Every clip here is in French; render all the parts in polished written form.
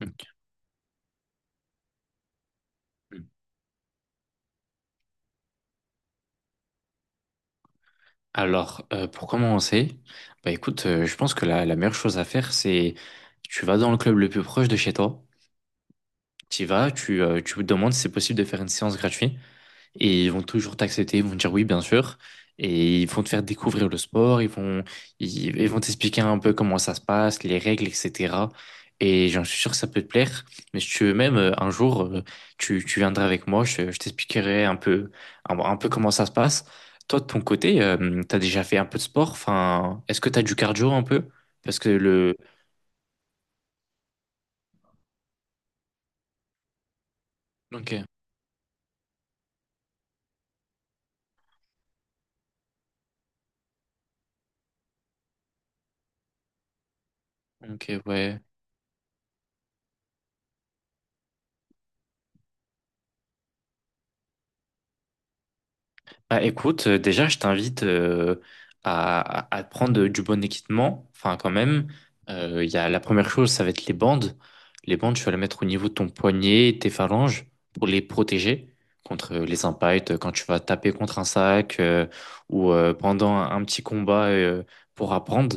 Ok. Alors, pour commencer, bah écoute, je pense que la meilleure chose à faire, c'est tu vas dans le club le plus proche de chez toi, tu y vas, tu demandes si c'est possible de faire une séance gratuite. Et ils vont toujours t'accepter, ils vont te dire oui, bien sûr. Et ils vont te faire découvrir le sport, ils vont, ils vont t'expliquer un peu comment ça se passe, les règles, etc. Et j'en suis sûr que ça peut te plaire. Mais si tu veux même, un jour, tu viendras avec moi, je t'expliquerai un peu, un peu comment ça se passe. Toi, de ton côté, t'as déjà fait un peu de sport? Enfin, est-ce que t'as du cardio un peu? Parce que le... Ok, ok, ouais. Bah, écoute, déjà, je t'invite à, à prendre du bon équipement. Enfin, quand même, il y a, la première chose, ça va être les bandes. Les bandes, tu vas les mettre au niveau de ton poignet, tes phalanges, pour les protéger contre les impacts, quand tu vas taper contre un sac ou pendant un petit combat pour apprendre.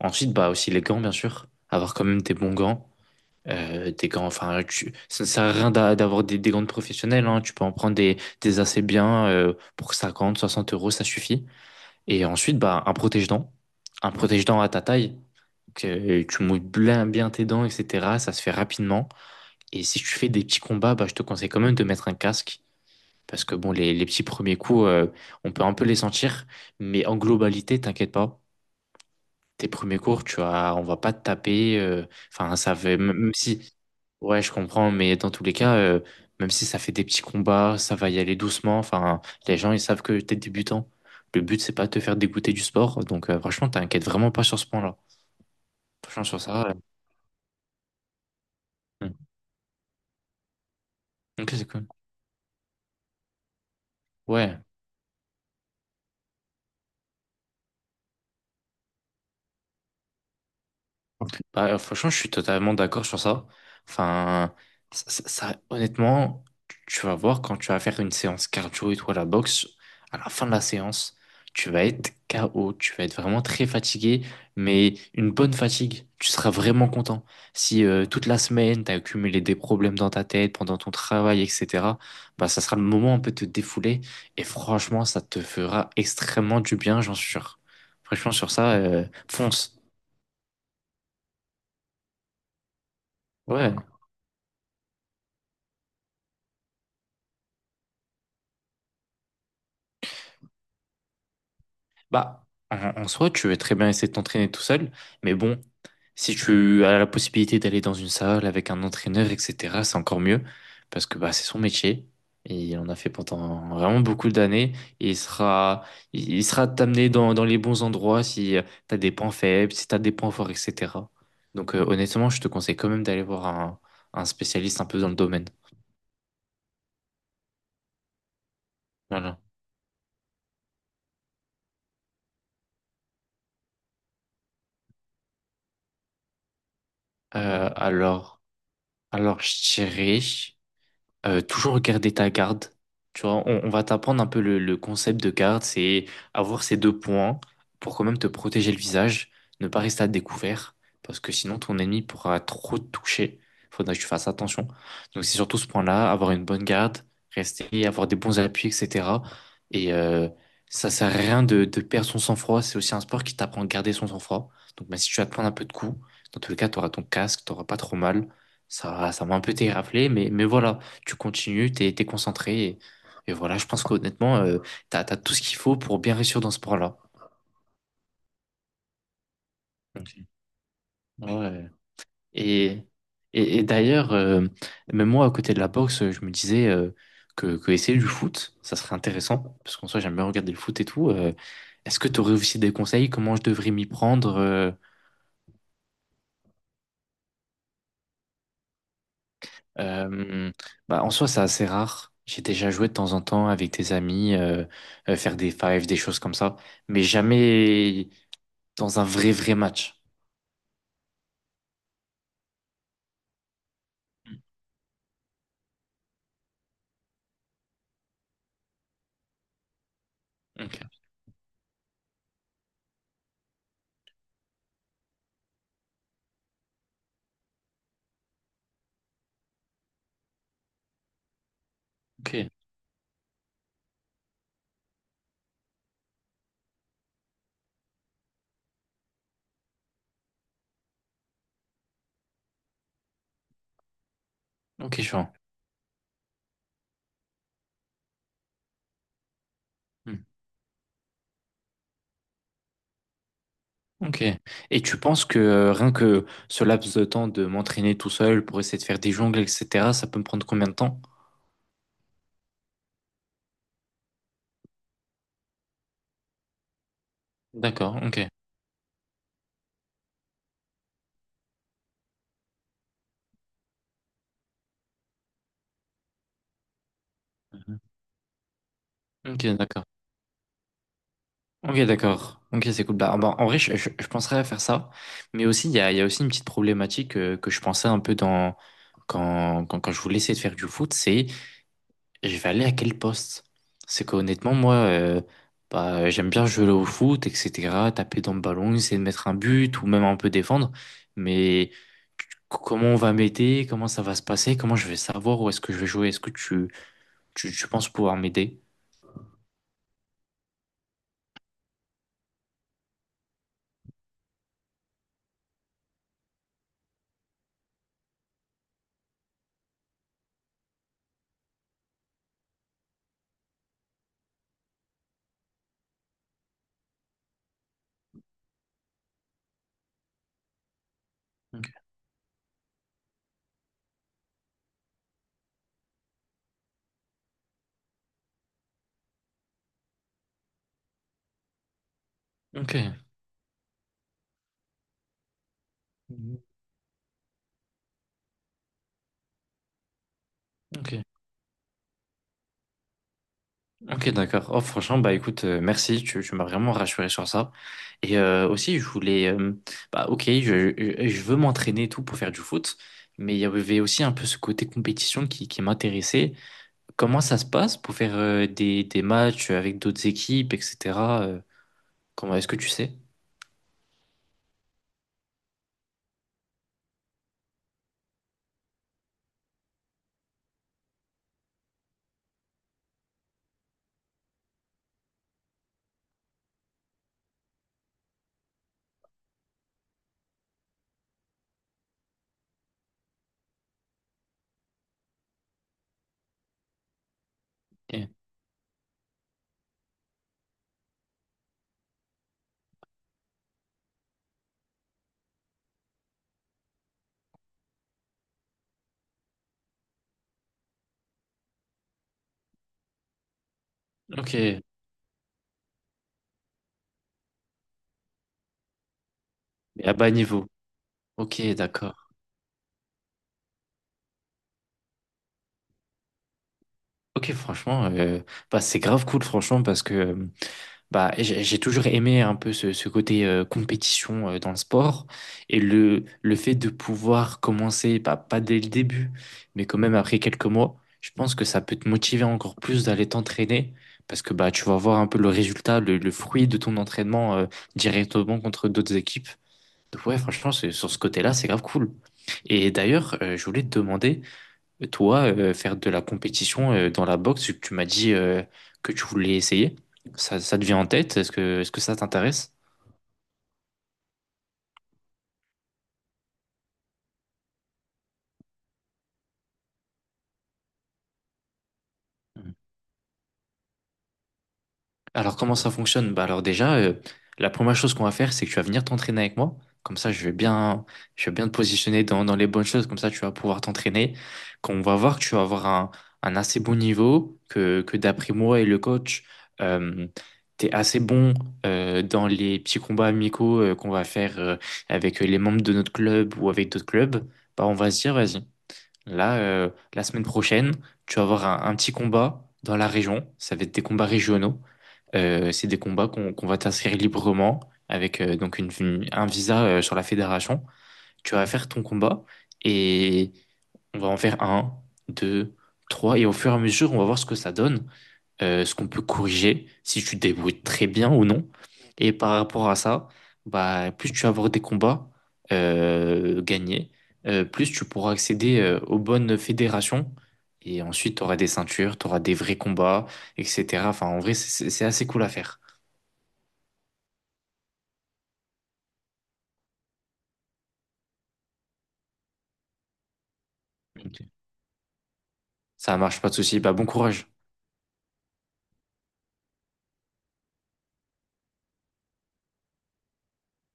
Ensuite, bah, aussi les gants, bien sûr. Avoir quand même des bons gants des grands, enfin, ça ne sert à rien d'avoir des gants professionnels, hein. Tu peux en prendre des assez bien pour 50, 60 euros, ça suffit. Et ensuite, bah, un protège-dents à ta taille, que tu mouilles bien, bien tes dents, etc. Ça se fait rapidement. Et si tu fais des petits combats, bah, je te conseille quand même de mettre un casque. Parce que bon, les petits premiers coups, on peut un peu les sentir, mais en globalité, t'inquiète pas tes premiers cours, tu vois, on va pas te taper. Enfin, ça fait, même si, ouais, je comprends, mais dans tous les cas, même si ça fait des petits combats, ça va y aller doucement. Enfin, les gens, ils savent que t'es débutant. Le but, c'est pas de te faire dégoûter du sport. Donc, franchement, t'inquiète vraiment pas sur ce point-là. Franchement, sur ça. Hmm. Ok, c'est cool. Ouais. Bah, franchement, je suis totalement d'accord sur ça. Enfin, ça, honnêtement, tu vas voir quand tu vas faire une séance cardio et toi la boxe, à la fin de la séance, tu vas être KO, tu vas être vraiment très fatigué, mais une bonne fatigue, tu seras vraiment content. Si toute la semaine, tu as accumulé des problèmes dans ta tête pendant ton travail, etc., bah, ça sera le moment un peu de te défouler et franchement, ça te fera extrêmement du bien, j'en suis sûr. Franchement, sur ça, fonce. Ouais. Bah, en soi, tu veux très bien essayer de t'entraîner tout seul, mais bon, si tu as la possibilité d'aller dans une salle avec un entraîneur, etc., c'est encore mieux, parce que bah, c'est son métier, et il en a fait pendant vraiment beaucoup d'années, et il sera, il sera t'amener dans, dans les bons endroits si tu as des points faibles, si tu as des points forts, etc. Donc honnêtement, je te conseille quand même d'aller voir un spécialiste un peu dans le domaine. Voilà. Euh, alors, alors, je dirais. Toujours regarder ta garde. Tu vois, on va t'apprendre un peu le concept de garde, c'est avoir ces deux points pour quand même te protéger le visage, ne pas rester à découvert, parce que sinon ton ennemi pourra trop te toucher. Faudra que tu fasses attention. Donc c'est surtout ce point-là, avoir une bonne garde, rester, avoir des bons appuis, etc. Et ça sert à rien de, de perdre son sang-froid. C'est aussi un sport qui t'apprend à garder son sang-froid. Donc même si tu vas te prendre un peu de coups, dans tous les cas, tu auras ton casque, t'auras pas trop mal. Ça m'a un peu déraflé, mais voilà tu continues, t'es concentré. Et voilà, je pense qu'honnêtement, t'as tout ce qu'il faut pour bien réussir dans ce sport-là. Ok. Ouais. Et, et d'ailleurs, même moi, à côté de la boxe, je me disais que essayer du foot, ça serait intéressant, parce qu'en soi, j'aime bien regarder le foot et tout. Est-ce que tu aurais aussi des conseils? Comment je devrais m'y prendre? Euh, bah, en soi, c'est assez rare. J'ai déjà joué de temps en temps avec des amis, faire des fives, des choses comme ça, mais jamais. Dans un vrai, vrai match. Ok, ok, ok, je vois. Hmm. Ok. Et tu penses que rien que ce laps de temps de m'entraîner tout seul pour essayer de faire des jongles, etc., ça peut me prendre combien de temps? D'accord, ok. Ok, d'accord. Ok, d'accord. Ok, c'est cool. Bah, bah, en vrai, je penserais à faire ça. Mais aussi, il y a aussi une petite problématique que je pensais un peu dans quand je voulais essayer de faire du foot, c'est, je vais aller à quel poste? C'est qu'honnêtement, moi, bah, j'aime bien jouer au foot, etc., taper dans le ballon, essayer de mettre un but ou même un peu défendre. Mais comment on va m'aider? Comment ça va se passer? Comment je vais savoir où est-ce que je vais jouer? Est-ce que tu penses pouvoir m'aider? Ok, Mhm. Ok. Ok, d'accord. Oh, franchement, bah écoute, merci, tu m'as vraiment rassuré sur ça. Et aussi, je voulais, bah ok, je veux m'entraîner et tout pour faire du foot, mais il y avait aussi un peu ce côté compétition qui m'intéressait. Comment ça se passe pour faire des matchs avec d'autres équipes, etc. euh, Comment est-ce que tu sais? Eh, ok, mais à bas niveau. Ok, d'accord. Ok, franchement, bah, c'est grave cool, franchement, parce que bah, j'ai toujours aimé un peu ce, ce côté compétition dans le sport et le fait de pouvoir commencer, bah, pas dès le début, mais quand même après quelques mois, je pense que ça peut te motiver encore plus d'aller t'entraîner parce que bah, tu vas voir un peu le résultat, le fruit de ton entraînement directement contre d'autres équipes. Donc, ouais, franchement, sur ce côté-là, c'est grave cool. Et d'ailleurs, je voulais te demander. Toi, faire de la compétition dans la boxe, tu m'as dit que tu voulais essayer. Ça te vient en tête? Est-ce que ça t'intéresse? Alors, comment ça fonctionne? Bah alors déjà, la première chose qu'on va faire, c'est que tu vas venir t'entraîner avec moi. Comme ça, je vais bien te positionner dans, dans les bonnes choses. Comme ça, tu vas pouvoir t'entraîner. Quand on va voir que tu vas avoir un assez bon niveau, que d'après moi et le coach, euh, tu es assez bon dans les petits combats amicaux qu'on va faire avec les membres de notre club ou avec d'autres clubs, bah on va se dire, vas-y. Là, la semaine prochaine, tu vas avoir un petit combat dans la région. Ça va être des combats régionaux. C'est des combats qu'on va t'inscrire librement avec donc une, un visa sur la fédération. Tu vas faire ton combat et on va en faire un, deux, trois. Et au fur et à mesure, on va voir ce que ça donne ce qu'on peut corriger, si tu te débrouilles très bien ou non. Et par rapport à ça, bah, plus tu vas avoir des combats gagnés, plus tu pourras accéder aux bonnes fédérations. Et ensuite, tu auras des ceintures, tu auras des vrais combats, etc. Enfin, en vrai, c'est assez cool à faire. Ok. Ça marche, pas de souci. Bah, bon courage.